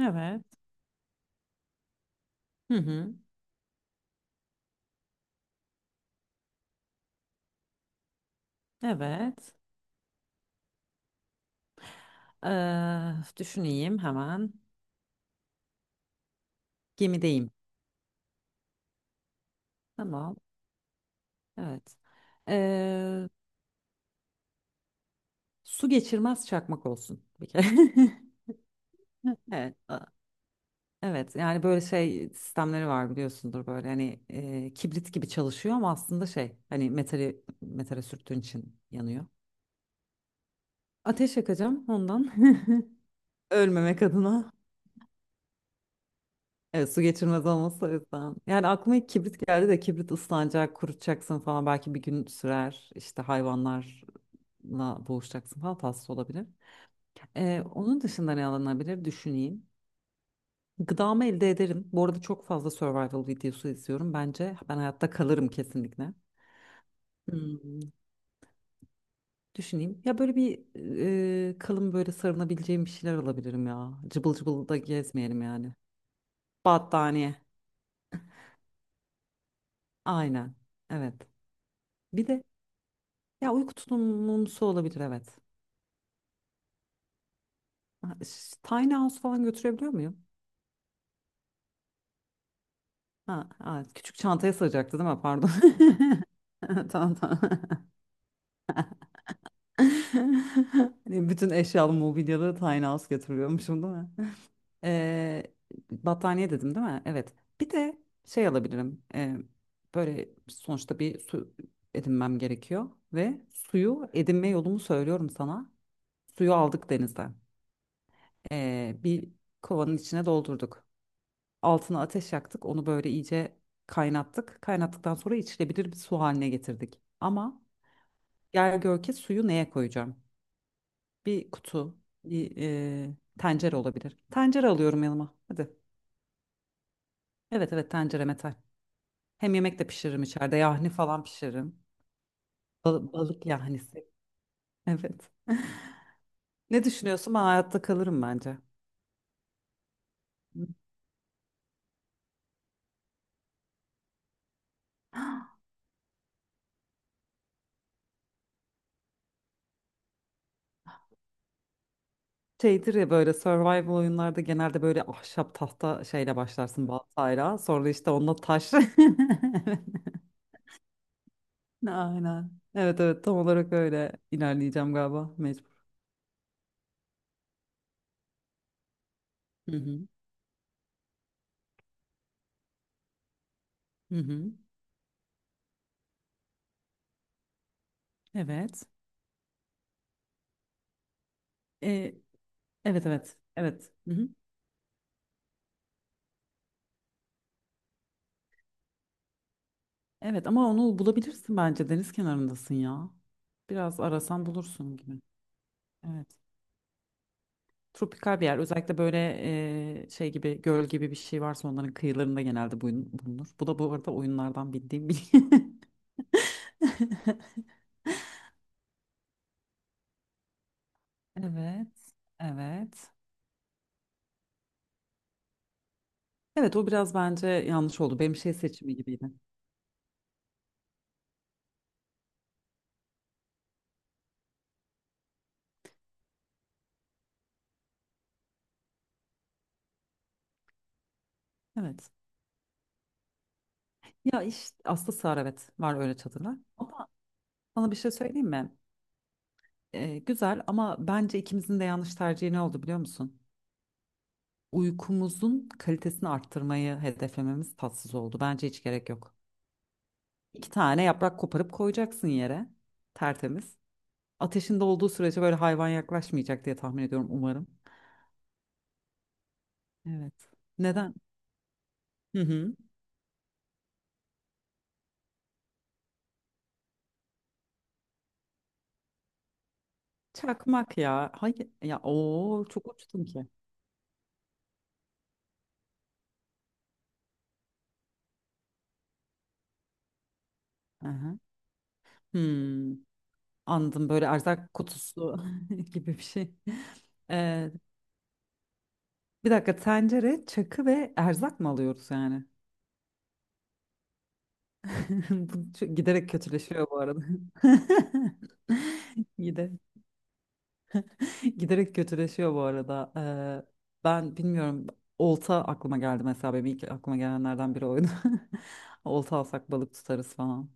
Evet. Hı hı. Evet. Düşüneyim hemen. Gemideyim. Tamam. Evet. Eee, Su geçirmez çakmak olsun bir kere. Evet. Evet. Yani böyle şey sistemleri var, biliyorsundur böyle hani kibrit gibi çalışıyor ama aslında şey hani metali metale sürttüğün için yanıyor. Ateş yakacağım ondan ölmemek adına. Evet, su geçirmez olması o yüzden. Yani aklıma ilk kibrit geldi de kibrit ıslanacak, kurutacaksın falan, belki bir gün sürer. İşte hayvanlarla boğuşacaksın falan, tatsız olabilir. Onun dışında ne alınabilir, düşüneyim. Gıdamı elde ederim. Bu arada çok fazla survival videosu izliyorum. Bence ben hayatta kalırım kesinlikle. Hmm. Düşüneyim. Ya böyle bir kalın, böyle sarınabileceğim bir şeyler alabilirim ya. Cıbıl cıbıl da gezmeyelim yani. Battaniye. Aynen. Evet. Bir de. Ya, uyku tulumumsu olabilir, evet. Ha, Tiny House falan götürebiliyor muyum? Ha, ha, küçük çantaya sığacaktı değil mi? Pardon. Tamam, tamam. Hani bütün eşyalı mobilyalı Tiny House getiriyormuşum değil mi? Ee, Battaniye dedim değil mi? Evet. Bir de şey alabilirim. Böyle sonuçta bir su edinmem gerekiyor. Ve suyu edinme yolumu söylüyorum sana. Suyu aldık denizden. Bir kovanın içine doldurduk. Altına ateş yaktık. Onu böyle iyice kaynattık. Kaynattıktan sonra içilebilir bir su haline getirdik. Ama gel gör ki, suyu neye koyacağım? Bir kutu, bir tencere olabilir. Tencere alıyorum yanıma. Hadi. Evet, evet, tencere metal. Hem yemek de pişiririm içeride. Yahni falan pişiririm. Balık yahnisi. Evet. Ne düşünüyorsun? Ben hayatta kalırım bence. Şeydir ya, böyle survival oyunlarda genelde böyle ahşap tahta şeyle başlarsın, baltayla. Sonra işte onunla taş. Aynen. Evet, evet, tam olarak öyle ilerleyeceğim galiba, mecbur. Hı hı. Hı hı. Evet. Ee, evet, evet. Evet. Hı hı. Evet ama onu bulabilirsin bence, deniz kenarındasın ya. Biraz arasan bulursun gibi. Evet. Tropikal bir yer. Özellikle böyle şey gibi, göl gibi bir şey varsa onların kıyılarında genelde bulunur. Bu da bu arada oyunlardan bildiğim bir. Evet. Evet. Evet, o biraz bence yanlış oldu. Benim şey seçimi gibiydi. Evet. Ya işte aslında sığar, evet, var öyle çadırlar. Ama sana bir şey söyleyeyim mi? Güzel, ama bence ikimizin de yanlış tercihi ne oldu biliyor musun? Uykumuzun kalitesini arttırmayı hedeflememiz tatsız oldu. Bence hiç gerek yok. İki tane yaprak koparıp koyacaksın yere, tertemiz. Ateşinde olduğu sürece böyle hayvan yaklaşmayacak diye tahmin ediyorum, umarım. Evet. Neden? Hı hı. Çakmak ya. Hayır ya, o çok uçtum ki. Hı hı. Hmm. Anladım, böyle erzak kutusu gibi bir şey. Ee, Bir dakika, tencere, çakı ve erzak mı alıyoruz yani? Bu giderek kötüleşiyor bu arada. Gide, Giderek kötüleşiyor bu arada. Ben bilmiyorum, olta aklıma geldi mesela, benim ilk aklıma gelenlerden biri oydu. Olta alsak balık tutarız falan.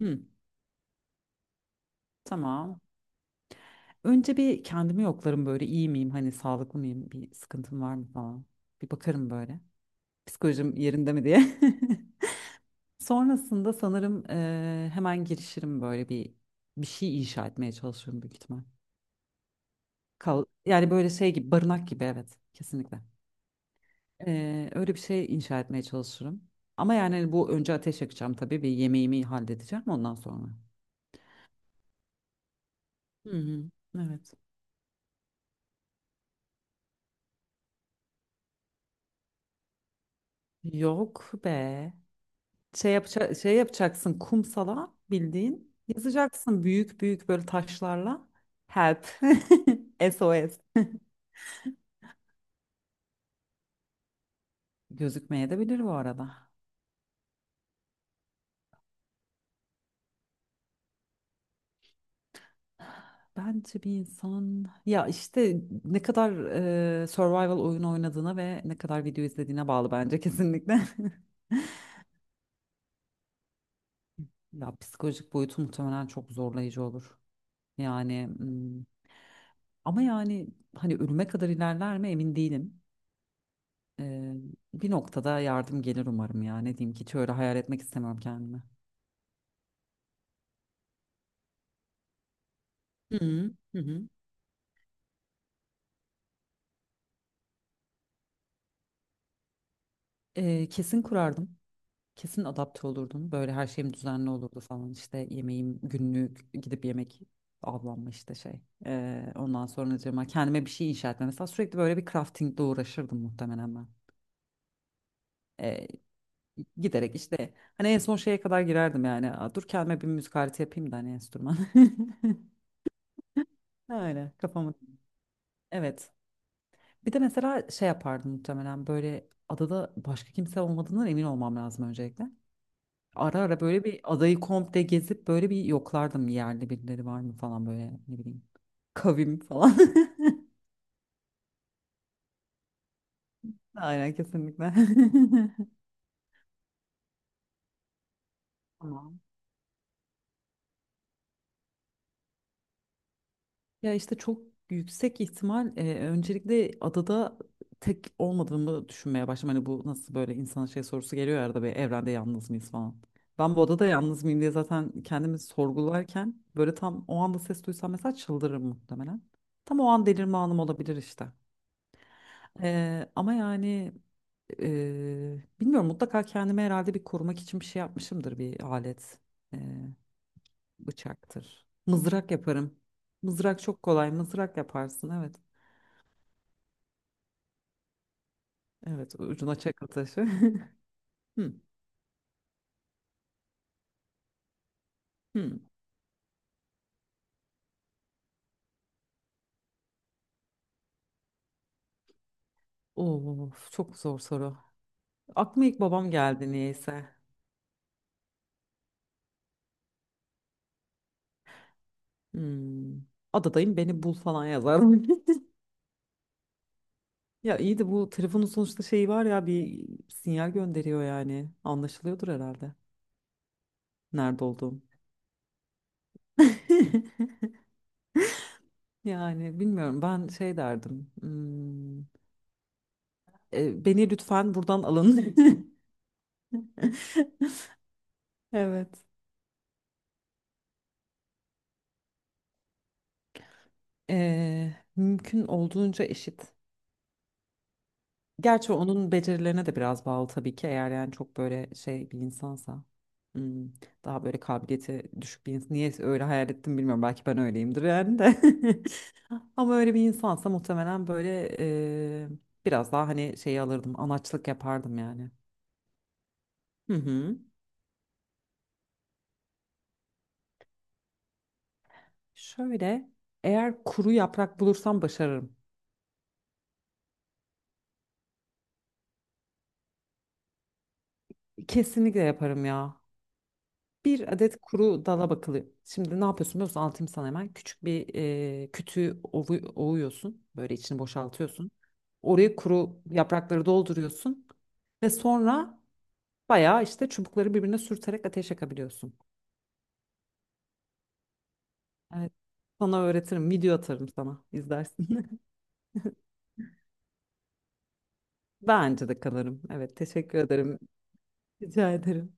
Hı, tamam. Önce bir kendimi yoklarım, böyle iyi miyim, hani sağlıklı mıyım, bir sıkıntım var mı falan. Bir bakarım böyle. Psikolojim yerinde mi diye. Sonrasında sanırım hemen girişirim böyle bir şey inşa etmeye çalışıyorum büyük ihtimal. Kal yani böyle şey gibi, barınak gibi, evet, kesinlikle. Öyle bir şey inşa etmeye çalışırım. Ama yani hani bu, önce ateş yakacağım tabii, bir yemeğimi halledeceğim ondan sonra. Hı hı, evet. Yok be. Şey yapaca şey yapacaksın kumsala, bildiğin yazacaksın büyük büyük böyle taşlarla, help SOS. Gözükmeye de bilir bu arada. Bence bir insan ya işte ne kadar survival oyun oynadığına ve ne kadar video izlediğine bağlı bence kesinlikle. Ya psikolojik boyutu muhtemelen çok zorlayıcı olur. Yani ama yani hani ölüme kadar ilerler mi emin değilim. E, Bir noktada yardım gelir umarım ya. Ne diyeyim ki, hiç öyle hayal etmek istemiyorum kendimi. Hı hı. Hı hı. Kesin kurardım. Kesin adapte olurdum. Böyle her şeyim düzenli olurdu falan. İşte yemeğim günlük, gidip yemek, avlanma, işte şey. Ondan sonracığıma kendime bir şey inşa etme. Mesela sürekli böyle bir craftingle uğraşırdım muhtemelen ben. Ee, Giderek işte hani en son şeye kadar girerdim yani. Aa, dur kendime bir müzik aleti yapayım da, hani enstrüman. Öyle kafamı. Evet. Bir de mesela şey yapardım muhtemelen, böyle adada başka kimse olmadığından emin olmam lazım öncelikle. Ara ara böyle bir adayı komple gezip böyle bir yoklardım, yerli birileri var mı falan, böyle ne bileyim. Kavim falan. Aynen, kesinlikle. Tamam. Ya işte çok yüksek ihtimal, öncelikle adada tek olmadığımı düşünmeye başladım. Hani bu nasıl, böyle insan şey sorusu geliyor ya arada, bir evrende yalnız mıyız falan. Ben bu odada yalnız mıyım diye zaten kendimi sorgularken böyle tam o anda ses duysam mesela, çıldırırım muhtemelen. Tam o an delirme anım olabilir işte. Ama yani bilmiyorum, mutlaka kendime herhalde bir korumak için bir şey yapmışımdır, bir alet. Eee, Bıçaktır. Mızrak yaparım. Mızrak çok kolay. Mızrak yaparsın, evet. Evet, ucuna çakıl taşı. Hmm, hmm. Of, çok zor soru. Aklıma ilk babam geldi niyeyse. Hmm. Adadayım, beni bul falan yazar. Ya iyi de, bu telefonun sonuçta şeyi var ya, bir sinyal gönderiyor yani. Anlaşılıyordur herhalde. Nerede olduğum. Yani bilmiyorum, ben şey derdim. Beni lütfen buradan alın. Evet. Mümkün olduğunca eşit. Gerçi onun becerilerine de biraz bağlı tabii ki, eğer yani çok böyle şey bir insansa. hmm, daha böyle kabiliyeti düşük bir insan. Niye öyle hayal ettim bilmiyorum. Belki ben öyleyimdir yani de. Ama öyle bir insansa muhtemelen böyle e, biraz daha, hani şeyi alırdım. Anaçlık yapardım yani. Hı hı. Şöyle, eğer kuru yaprak bulursam başarırım. Kesinlikle yaparım ya. Bir adet kuru dala bakılı. Şimdi ne yapıyorsun biliyor musun? Anlatayım sana hemen. Küçük bir kütüğü ovuyorsun. Böyle içini boşaltıyorsun. Oraya kuru yaprakları dolduruyorsun. Ve sonra bayağı işte çubukları birbirine sürterek ateş yakabiliyorsun. Evet. Sana öğretirim. Video atarım sana. İzlersin. Bence de kalırım. Evet, teşekkür ederim. Rica ederim.